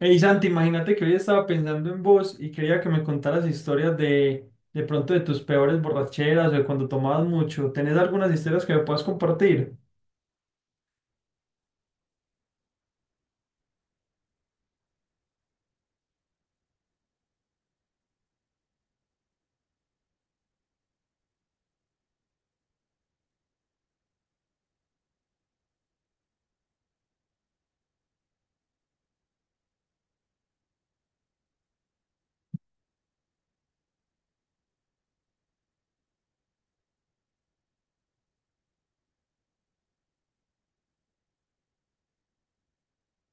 Hey Santi, imagínate que hoy estaba pensando en vos y quería que me contaras historias de pronto de tus peores borracheras o de cuando tomabas mucho. ¿Tenés algunas historias que me puedas compartir?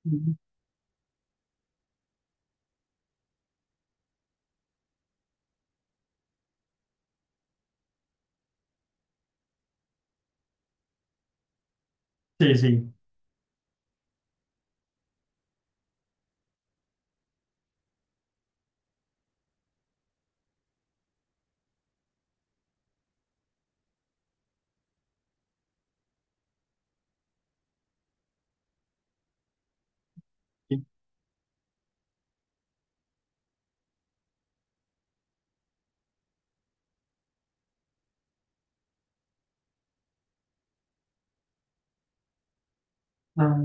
Mm. Sí, sí. Ah,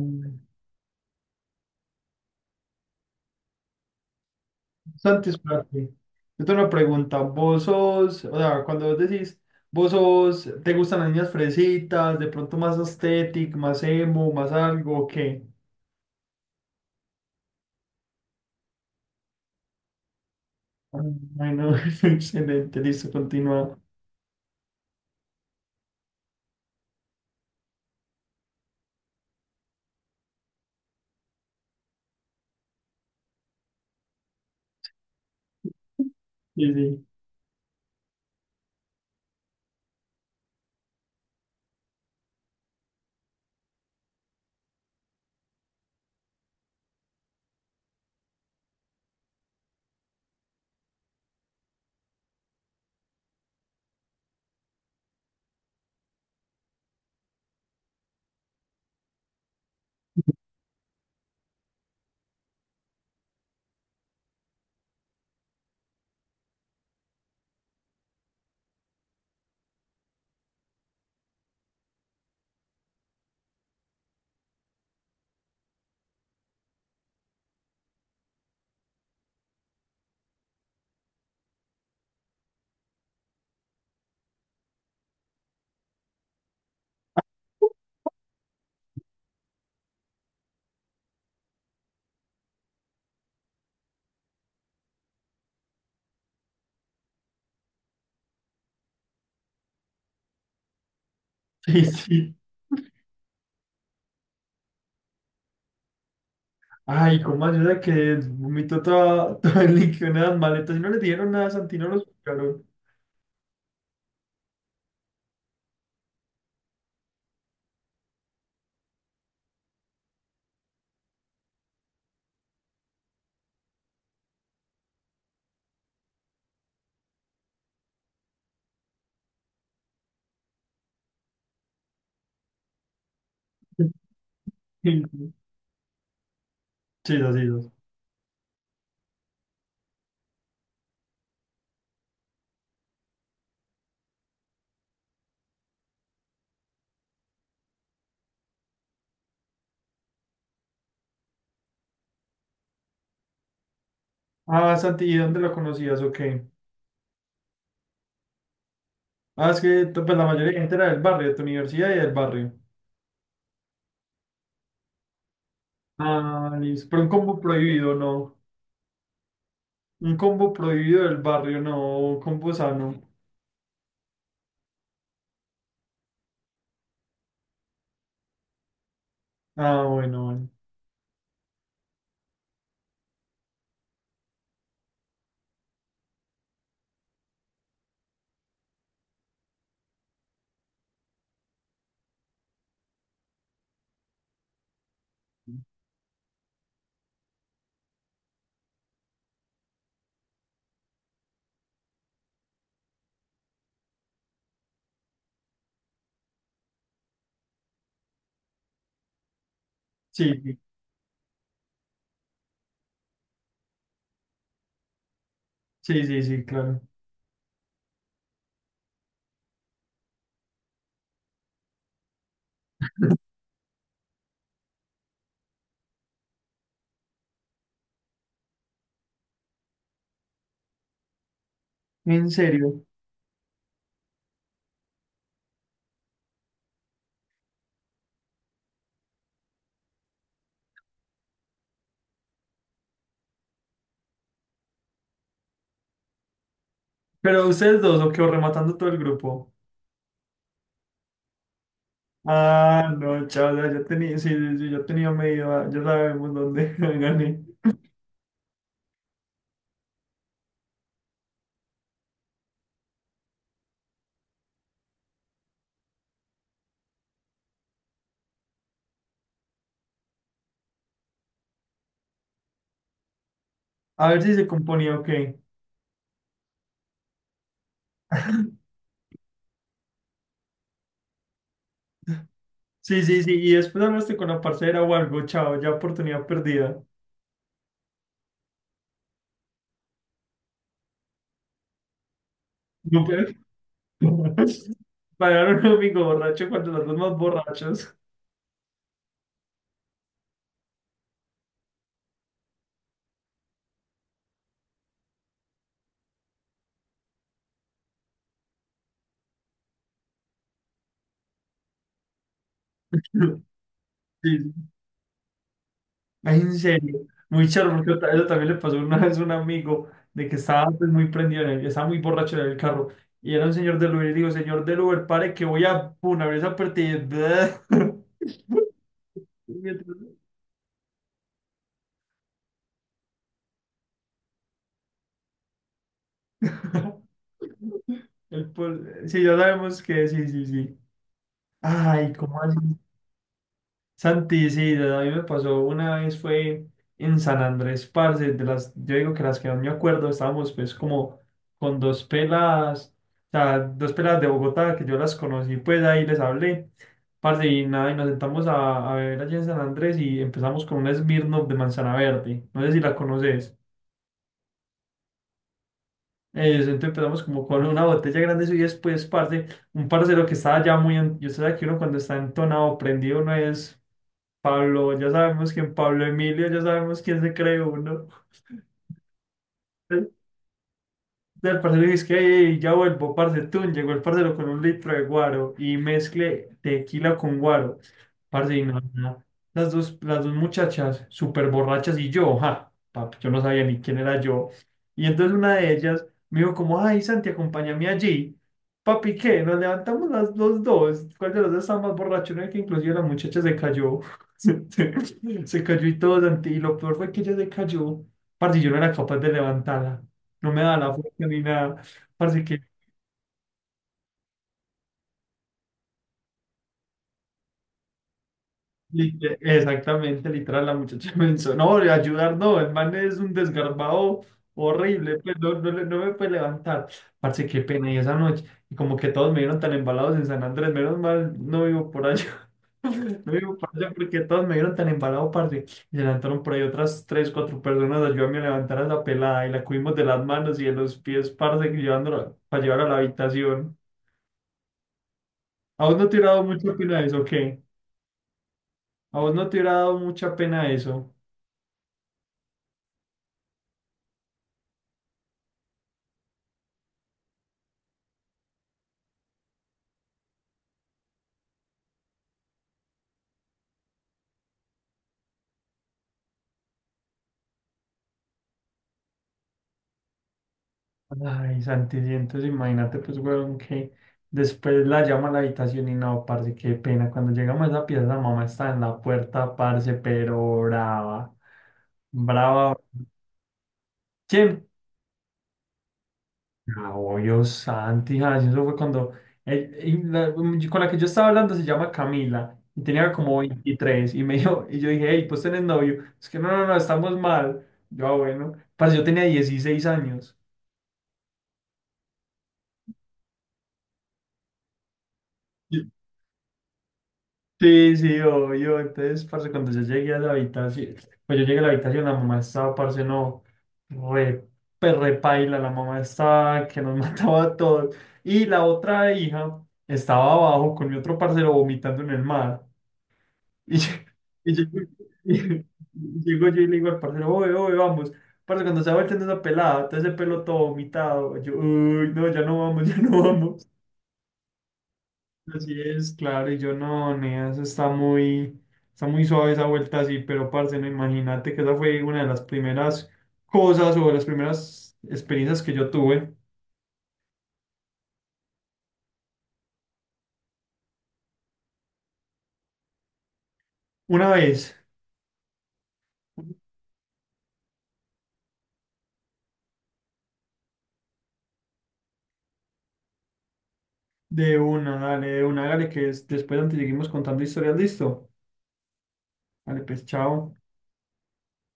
Santis Prati, yo tengo una pregunta. Vos sos, o sea, cuando vos decís, Vos sos, ¿te gustan las niñas fresitas, de pronto más aesthetic, más emo, más algo, o qué? Ah, bueno, excelente, listo, continúa. Sí, sí, sí, sí. Ay, cómo ayuda que vomitó toda, todo el líquido en las maletas y no le dieron nada, a Santi, no los buscaron. Sí, sí, sí, sí, sí. Ah, Santi, ¿y dónde lo conocías o qué? Ah, es que pues, la mayoría de gente era del barrio, de tu universidad y del barrio. Ah, listo. Pero un combo prohibido, no. Un combo prohibido del barrio, no. Un combo sano. Ah, bueno, bueno. Sí, sí, sí, sí, sí, claro. ¿En serio? Pero ustedes dos, o qué, ¿o rematando todo el grupo? Ah, no, chaval, ya tenía, sí, sí, sí, ya tenía medio, ah, ya sabemos dónde gané. ¿A ver si se componía o qué? Sí, sí, sí, y después hablaste con la parcera o algo, chao, ya oportunidad perdida. No puede. Pagar a un amigo borracho cuando los dos más borrachos. Sí, ay, en serio, muy charro, porque eso también le pasó una vez a un amigo de que estaba pues, muy prendido en estaba muy borracho en el carro. Y era un señor del Uber, y digo, señor del Uber, pare que voy a una vez a partir. Mientras- sí, ya sabemos que sí, sí, sí. Ay, ¿cómo así? Santi, sí, a mí me pasó una vez fue en San Andrés, parce, de las, yo digo que las que más me acuerdo, estábamos pues como con dos pelas, o sea, dos pelas de Bogotá que yo las conocí, pues ahí les hablé, parce, y nada, y nos sentamos a beber allí en San Andrés y empezamos con un Smirnoff de manzana verde, no sé si la conoces. Entonces empezamos como con una botella grande eso, y después, parce, un parcero que estaba ya muy, yo sé que uno cuando está entonado, prendido, no es Pablo, ya sabemos quién Pablo Emilio, ya sabemos quién se cree uno. El parcero dice que: "Ey, ya vuelvo, parce", tun, llegó el parcero con un litro de guaro y mezcle tequila con guaro. Parce, y no, no. Las dos muchachas, súper borrachas y yo, ja, papi, yo no sabía ni quién era yo. Y entonces una de ellas me dijo como, ay, Santi, acompáñame allí. Papi, ¿qué? Nos levantamos los dos. ¿Cuál de los dos estaba más borracho? No, que inclusive la muchacha se cayó. Se cayó y todo, Santi. Y lo peor fue que ella se cayó. Parce, yo no era capaz de levantarla, no me da la fuerza ni nada. Parce que exactamente, literal, la muchacha me hizo, no, de ayudar no, el man es un desgarbado horrible, pues no, no, no me puede levantar. Parce, qué pena, y esa noche, y como que todos me vieron tan embalados en San Andrés, menos mal, no vivo por allá, no vivo por allá porque todos me vieron tan embalado, parce, y se levantaron por ahí otras tres, cuatro personas, a ayudarme a levantar a la pelada, y la cubrimos de las manos y de los pies, parce, llevándola para llevar a la habitación. ¿A vos no te ha dado mucho pena de eso, o qué? A vos no te hubiera dado mucha pena eso. Ay, Santi, sí, entonces imagínate, pues, weón, que después la llama a la habitación y no, parce, qué pena. Cuando llegamos a esa pieza, la mamá está en la puerta, parce, pero brava. Brava. ¿Quién? Ah, obvio, Santi, ay, eso fue cuando con la que yo estaba hablando se llama Camila y tenía como 23 y me dijo, y yo dije, hey, pues tenés novio. Es que no, no, no, estamos mal. Yo, ah, bueno, parce, yo tenía 16 años. Sí, sí, obvio. Entonces, parce, cuando yo llegué a la habitación, pues yo llegué a la habitación, la mamá estaba, parce, no, re, pues, repaila, la mamá estaba que nos mataba a todos. Y la otra hija estaba abajo con mi otro parcero vomitando en el mar. Y yo, y yo- y- y llego yo y le digo al parcero, oye, oye, vamos. Parce, cuando se va volteando esa pelada, todo ese pelo todo vomitado, yo, uy, no, ya no vamos, ya no vamos. Así es, claro, y yo no, nea, está muy suave esa vuelta así, pero parce, no imagínate que esa fue una de las primeras experiencias que yo tuve. Una vez, de una, dale, después antes seguimos contando historias, listo. Dale, pues, chao.